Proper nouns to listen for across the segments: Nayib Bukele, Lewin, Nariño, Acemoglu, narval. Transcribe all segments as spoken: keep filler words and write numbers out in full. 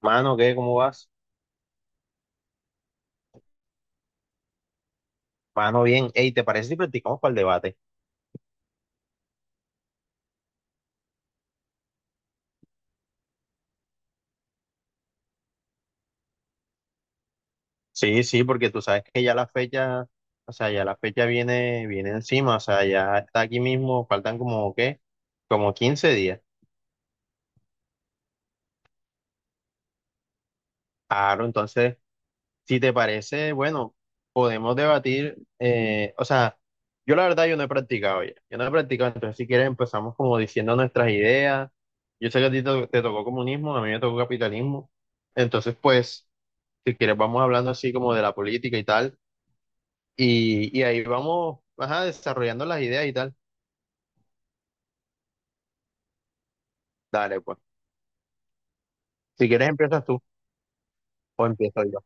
Mano, ¿qué? ¿Cómo vas? Mano, bien. Ey, ¿te parece si practicamos para el debate? Sí, sí, porque tú sabes que ya la fecha, o sea, ya la fecha viene, viene encima, o sea, ya está aquí mismo, faltan como, ¿qué? Como quince días. Claro, entonces, si te parece, bueno, podemos debatir, eh, o sea, yo la verdad yo no he practicado ya, yo no he practicado, entonces si quieres empezamos como diciendo nuestras ideas. Yo sé que a ti te, te tocó comunismo, a mí me tocó capitalismo, entonces pues, si quieres vamos hablando así como de la política y tal. Y, y ahí vamos, ajá, desarrollando las ideas y tal. Dale, pues. Si quieres, empiezas tú o empiezo yo.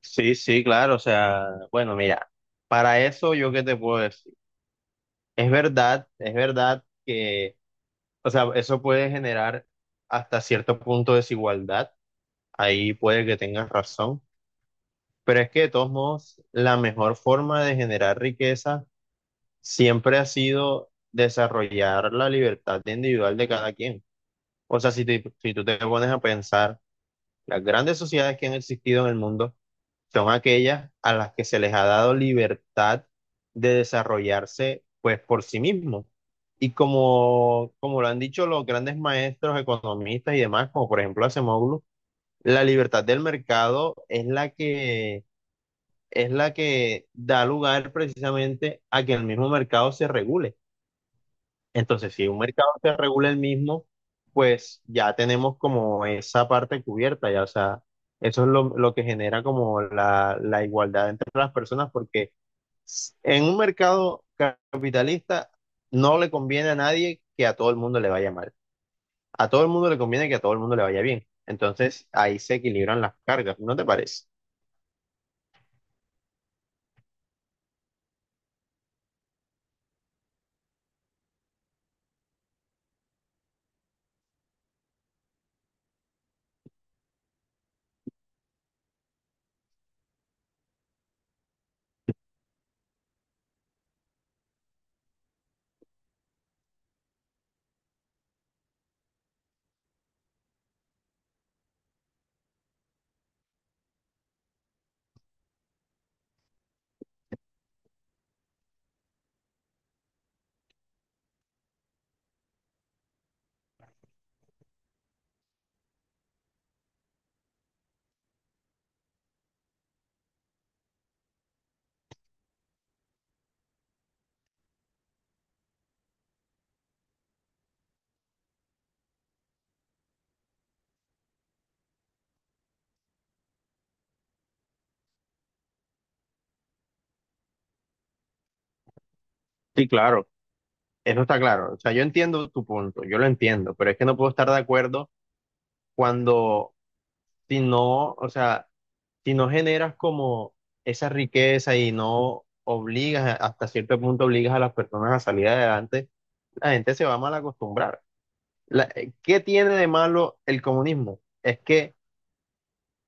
Sí, sí, claro. O sea, bueno, mira, para eso yo qué te puedo decir. Es verdad, es verdad que, o sea, eso puede generar hasta cierto punto desigualdad. Ahí puede que tengas razón. Pero es que de todos modos, la mejor forma de generar riqueza siempre ha sido desarrollar la libertad individual de cada quien. O sea, si, te- si tú te pones a pensar, las grandes sociedades que han existido en el mundo son aquellas a las que se les ha dado libertad de desarrollarse pues por sí mismos. Y como, como lo han dicho los grandes maestros, economistas y demás, como por ejemplo Acemoglu, la libertad del mercado es la que, es la que da lugar precisamente a que el mismo mercado se regule. Entonces, si un mercado se regula el mismo, pues ya tenemos como esa parte cubierta, ya, o sea, eso es lo, lo que genera como la, la igualdad entre las personas, porque s- en un mercado capitalista no le conviene a nadie que a todo el mundo le vaya mal, a todo el mundo le conviene que a todo el mundo le vaya bien, entonces ahí se equilibran las cargas, ¿no te parece? Sí, claro. Eso está claro, o sea, yo entiendo tu punto, yo lo entiendo, pero es que no puedo estar de acuerdo. Cuando si no, o sea, si no generas como esa riqueza y no obligas, hasta cierto punto obligas a las personas a salir adelante, la gente se va a mal acostumbrar. La- eh, ¿qué tiene de malo el comunismo? Es que,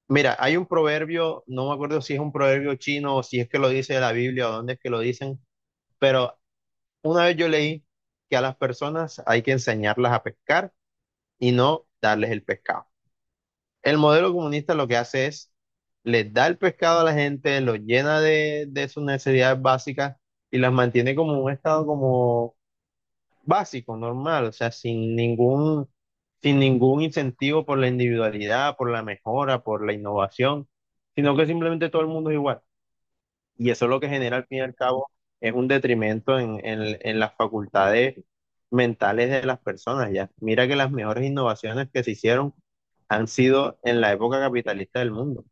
mira, hay un proverbio, no me acuerdo si es un proverbio chino o si es que lo dice la Biblia o dónde es que lo dicen, pero una vez yo leí que a las personas hay que enseñarlas a pescar y no darles el pescado. El modelo comunista lo que hace es, les da el pescado a la gente, los llena de, de sus necesidades básicas y las mantiene como un estado como básico, normal, o sea, sin ningún, sin ningún incentivo por la individualidad, por la mejora, por la innovación, sino que simplemente todo el mundo es igual. Y eso lo que genera al fin y al cabo es un detrimento en, en- en las facultades mentales de las personas, ya. Mira que las mejores innovaciones que se hicieron han sido en la época capitalista del mundo.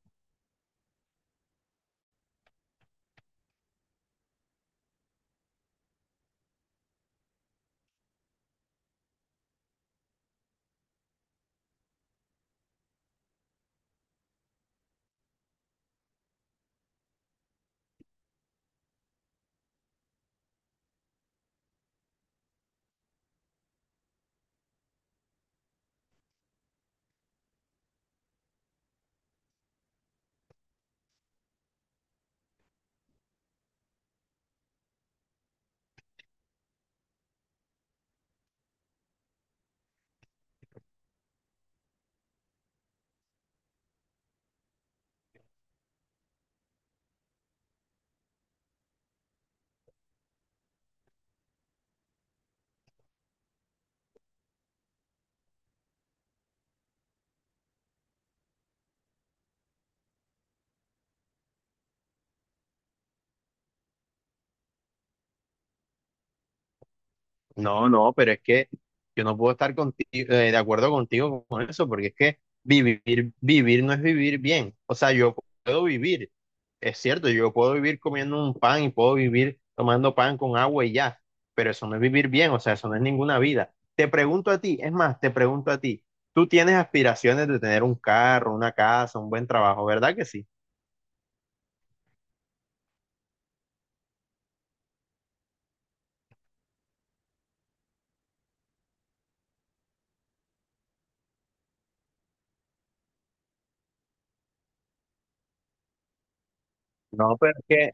No, no, pero es que yo no puedo estar contigo, eh, de acuerdo contigo con eso, porque es que vivir, vivir no es vivir bien. O sea, yo puedo vivir, es cierto, yo puedo vivir comiendo un pan y puedo vivir tomando pan con agua y ya, pero eso no es vivir bien, o sea, eso no es ninguna vida. Te pregunto a ti, es más, te pregunto a ti, tú tienes aspiraciones de tener un carro, una casa, un buen trabajo, ¿verdad que sí? No, pero es que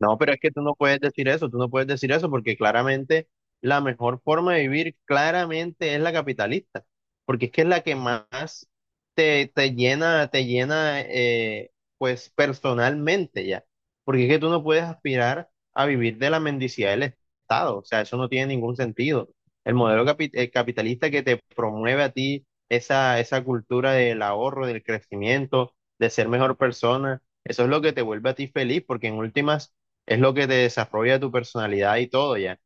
no, pero es que tú no puedes decir eso, tú no puedes decir eso porque claramente la mejor forma de vivir claramente es la capitalista, porque es que es la que más te, te llena, te llena eh, pues personalmente ya, porque es que tú no puedes aspirar a vivir de la mendicidad del Estado, o sea, eso no tiene ningún sentido. El modelo capi- eh, capitalista que te promueve a ti esa, esa cultura del ahorro, del crecimiento, de ser mejor persona, eso es lo que te vuelve a ti feliz, porque en últimas es lo que te desarrolla tu personalidad y todo ya.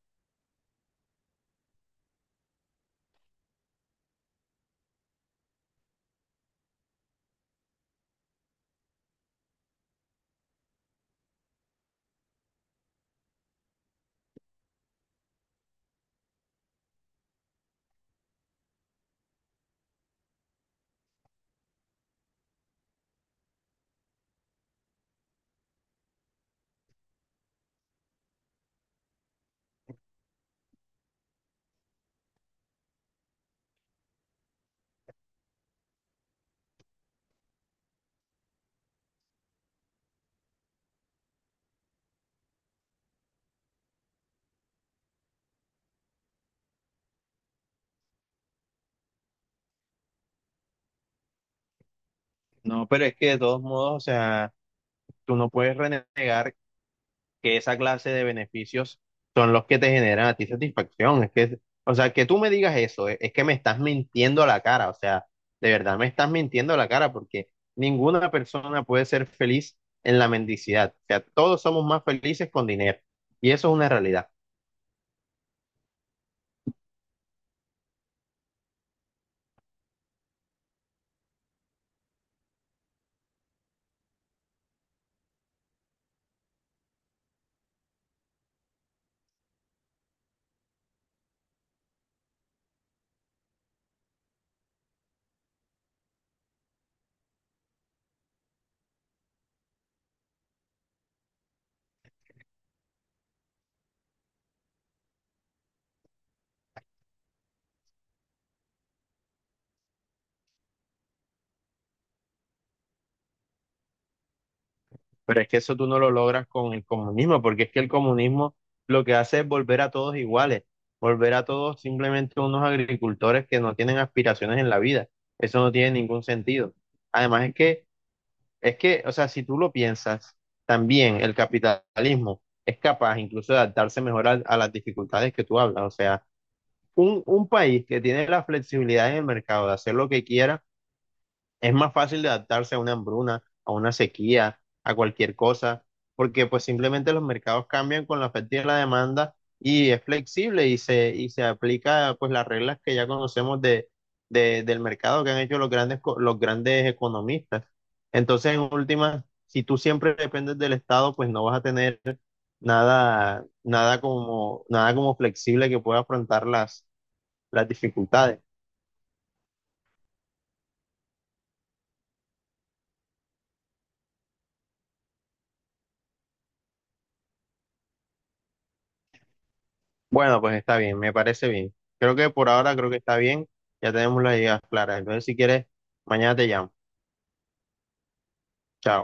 No, pero es que de todos modos, o sea, tú no puedes renegar que esa clase de beneficios son los que te generan a ti satisfacción. Es que, o sea, que tú me digas eso, es, es que me estás mintiendo a la cara, o sea, de verdad me estás mintiendo a la cara porque ninguna persona puede ser feliz en la mendicidad. O sea, todos somos más felices con dinero y eso es una realidad. Pero es que eso tú no lo logras con el comunismo, porque es que el comunismo lo que hace es volver a todos iguales, volver a todos simplemente unos agricultores que no tienen aspiraciones en la vida. Eso no tiene ningún sentido. Además es que, es que, o sea, si tú lo piensas, también el capitalismo es capaz incluso de adaptarse mejor a, a las dificultades que tú hablas. O sea, un, un país que tiene la flexibilidad en el mercado de hacer lo que quiera es más fácil de adaptarse a una hambruna, a una sequía, a cualquier cosa, porque pues simplemente los mercados cambian con la oferta y la demanda y es flexible y se, y se aplica pues las reglas que ya conocemos de, de- del mercado que han hecho los grandes, co- los grandes economistas. Entonces, en última, si tú siempre dependes del Estado, pues no vas a tener nada, nada como, nada como flexible que pueda afrontar las, las dificultades. Bueno, pues está bien, me parece bien. Creo que por ahora creo que está bien. Ya tenemos las ideas claras. Entonces, si quieres, mañana te llamo. Chao.